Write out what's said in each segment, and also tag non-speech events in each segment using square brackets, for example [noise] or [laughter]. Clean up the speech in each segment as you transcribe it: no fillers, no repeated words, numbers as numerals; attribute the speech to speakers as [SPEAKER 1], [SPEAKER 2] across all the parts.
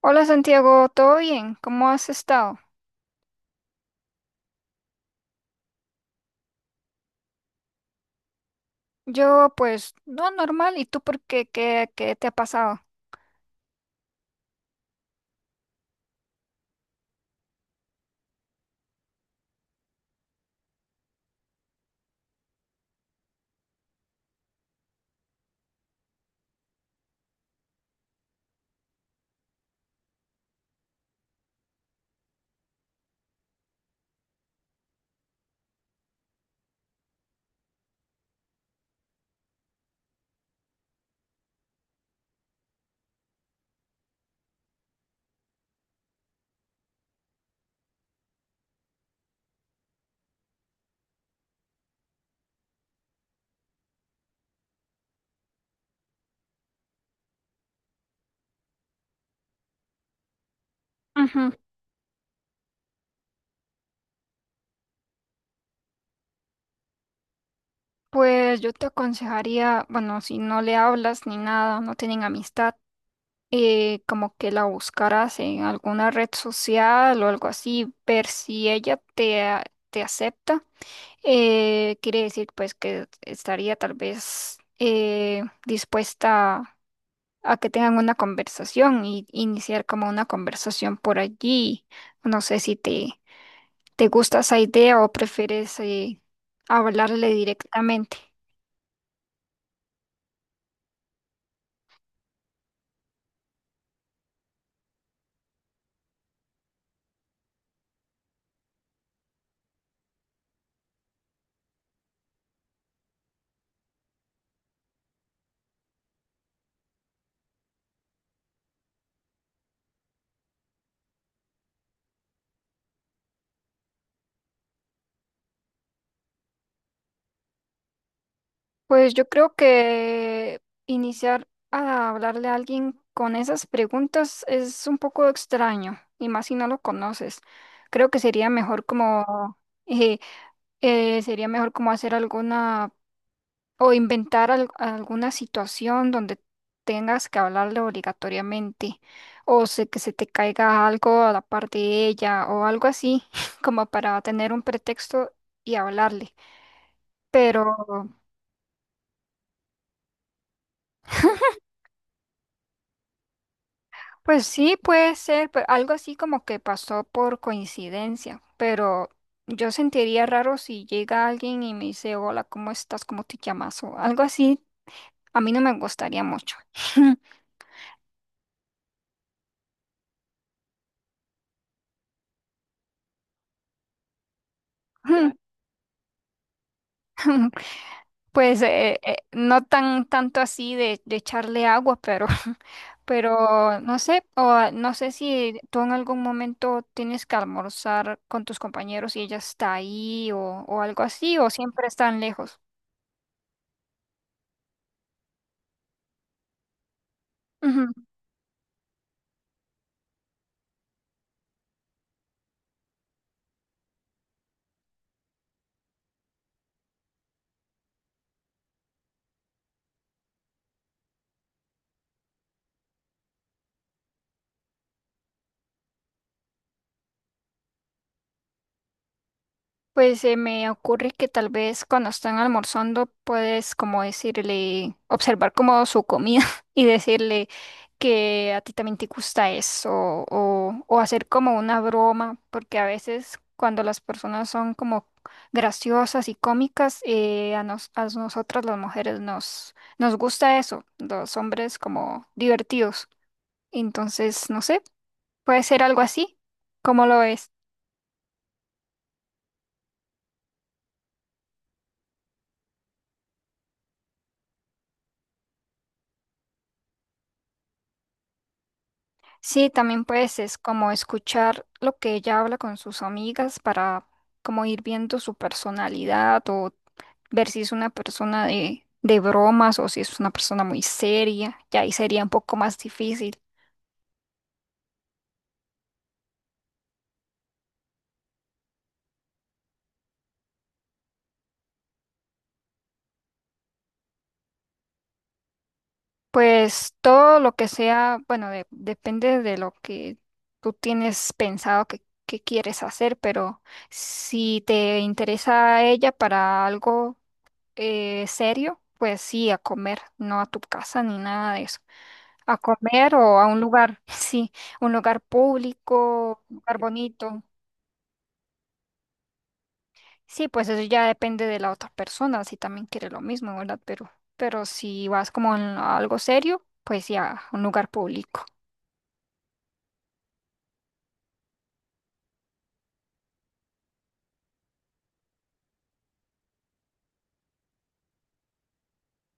[SPEAKER 1] Hola Santiago, ¿todo bien? ¿Cómo has estado? Yo pues no normal, ¿y tú por qué? ¿¿Qué te ha pasado? Ujú. Pues yo te aconsejaría, bueno, si no le hablas ni nada, no tienen amistad, como que la buscaras en alguna red social o algo así, ver si ella te, te acepta. Quiere decir pues que estaría tal vez dispuesta a que tengan una conversación y iniciar como una conversación por allí. No sé si te gusta esa idea o prefieres hablarle directamente. Pues yo creo que iniciar a hablarle a alguien con esas preguntas es un poco extraño, y más si no lo conoces. Creo que eh, sería mejor como hacer alguna, o inventar alguna situación donde tengas que hablarle obligatoriamente, o que se te caiga algo a la par de ella, o algo así, [laughs] como para tener un pretexto y hablarle. Pero, pues sí, puede ser, algo así como que pasó por coincidencia, pero yo sentiría raro si llega alguien y me dice, hola, ¿cómo estás? ¿Cómo te llamas? O algo así, a mí no me gustaría mucho. [laughs] [laughs] Pues no tan tanto así de echarle agua, pero, [laughs] pero no sé, o ah, no sé si tú en algún momento tienes que almorzar con tus compañeros y ella está ahí o algo así, o siempre están lejos. Pues se me ocurre que tal vez cuando están almorzando puedes como decirle, observar como su comida [laughs] y decirle que a ti también te gusta eso o hacer como una broma, porque a veces cuando las personas son como graciosas y cómicas, a nosotras las mujeres nos gusta eso, los hombres como divertidos. Entonces, no sé, puede ser algo así, cómo lo es. Sí, también pues es como escuchar lo que ella habla con sus amigas para como ir viendo su personalidad o ver si es una persona de bromas o si es una persona muy seria, ya ahí sería un poco más difícil. Pues todo lo que sea, bueno, depende de lo que tú tienes pensado que quieres hacer, pero si te interesa a ella para algo serio, pues sí, a comer, no a tu casa ni nada de eso. A comer o a un lugar, [laughs] sí, un lugar público, un lugar bonito. Sí, pues eso ya depende de la otra persona, si también quiere lo mismo, ¿verdad? Pero si vas como en algo serio, pues ya, un lugar público.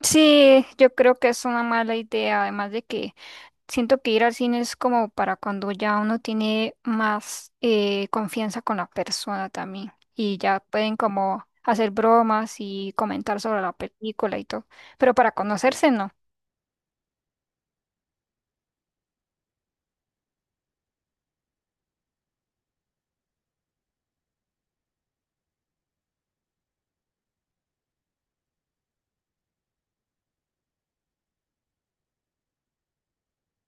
[SPEAKER 1] Sí, yo creo que es una mala idea, además de que siento que ir al cine es como para cuando ya uno tiene más confianza con la persona también y ya pueden como hacer bromas y comentar sobre la película y todo, pero para conocerse no.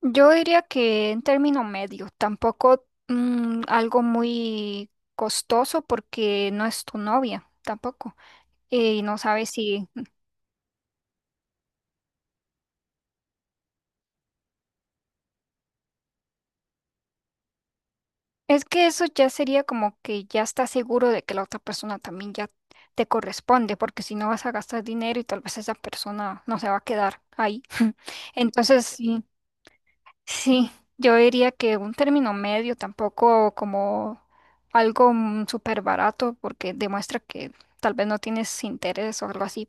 [SPEAKER 1] Yo diría que en término medio, tampoco mm, algo muy costoso porque no es tu novia tampoco, y no sabes si... Es que eso ya sería como que ya estás seguro de que la otra persona también ya te corresponde, porque si no vas a gastar dinero y tal vez esa persona no se va a quedar ahí. [laughs] Entonces, sí, sí, yo diría que un término medio tampoco como algo mm, súper barato, porque demuestra que tal vez no tienes interés o algo así.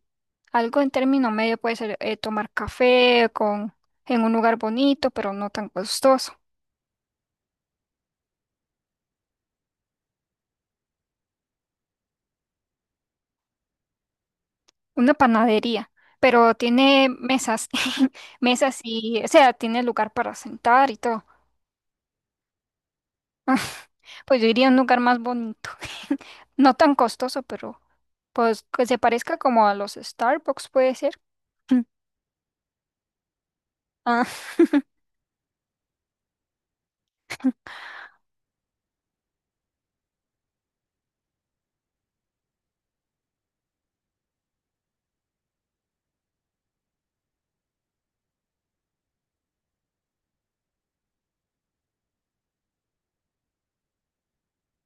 [SPEAKER 1] Algo en término medio puede ser tomar café con, en un lugar bonito, pero no tan costoso. Una panadería, pero tiene mesas, [laughs] mesas y, o sea, tiene lugar para sentar y todo. [laughs] Pues yo iría a un lugar más bonito, [laughs] no tan costoso, pero pues que se parezca como a los Starbucks puede ser. [laughs] Ah,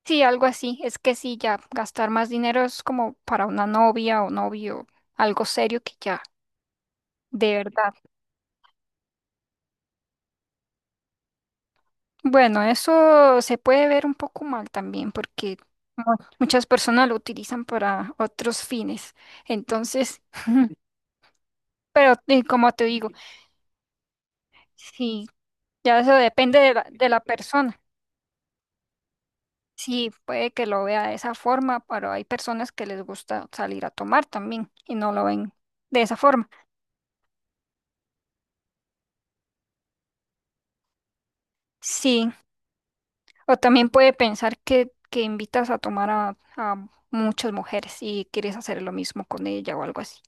[SPEAKER 1] sí, algo así. Es que sí, ya gastar más dinero es como para una novia o novio, algo serio que ya de verdad. Bueno, eso se puede ver un poco mal también porque muchas personas lo utilizan para otros fines. Entonces, pero como te digo, sí, ya eso depende de de la persona. Sí, puede que lo vea de esa forma, pero hay personas que les gusta salir a tomar también y no lo ven de esa forma. Sí, o también puede pensar que invitas a tomar a muchas mujeres y quieres hacer lo mismo con ella o algo así.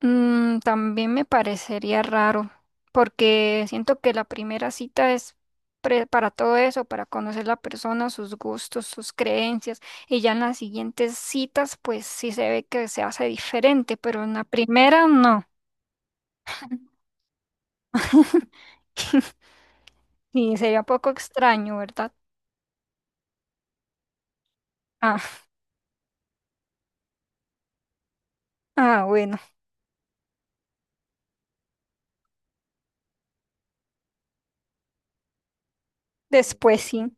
[SPEAKER 1] Mm, también me parecería raro, porque siento que la primera cita es para todo eso, para conocer la persona, sus gustos, sus creencias, y ya en las siguientes citas, pues sí se ve que se hace diferente, pero en la primera no. [laughs] Sí, sería un poco extraño, ¿verdad? Ah, ah, bueno, después sí,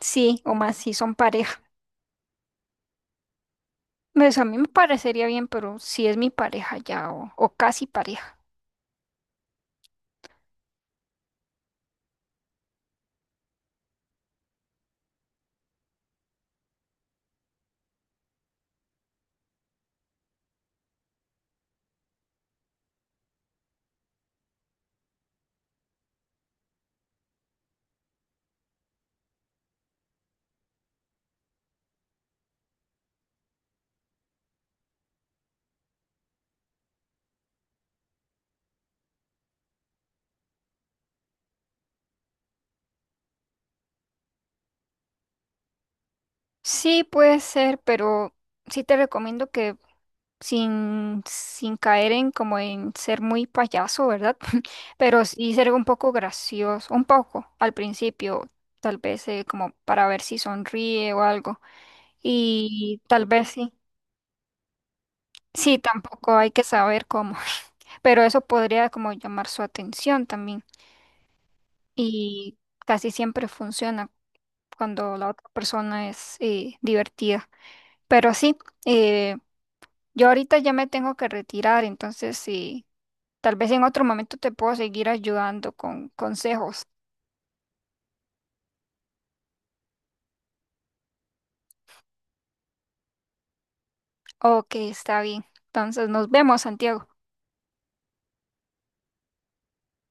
[SPEAKER 1] sí, o más si son pareja. Pues a mí me parecería bien, pero si es mi pareja ya o casi pareja. Sí, puede ser, pero sí te recomiendo que sin, sin caer en como en ser muy payaso, ¿verdad? [laughs] Pero sí ser un poco gracioso, un poco al principio, tal vez como para ver si sonríe o algo. Y tal vez sí. Sí, tampoco hay que saber cómo, [laughs] pero eso podría como llamar su atención también y casi siempre funciona cuando la otra persona es divertida. Pero sí, eh, yo ahorita ya me tengo que retirar, entonces sí, tal vez en otro momento te puedo seguir ayudando con consejos. Ok, está bien. Entonces nos vemos, Santiago.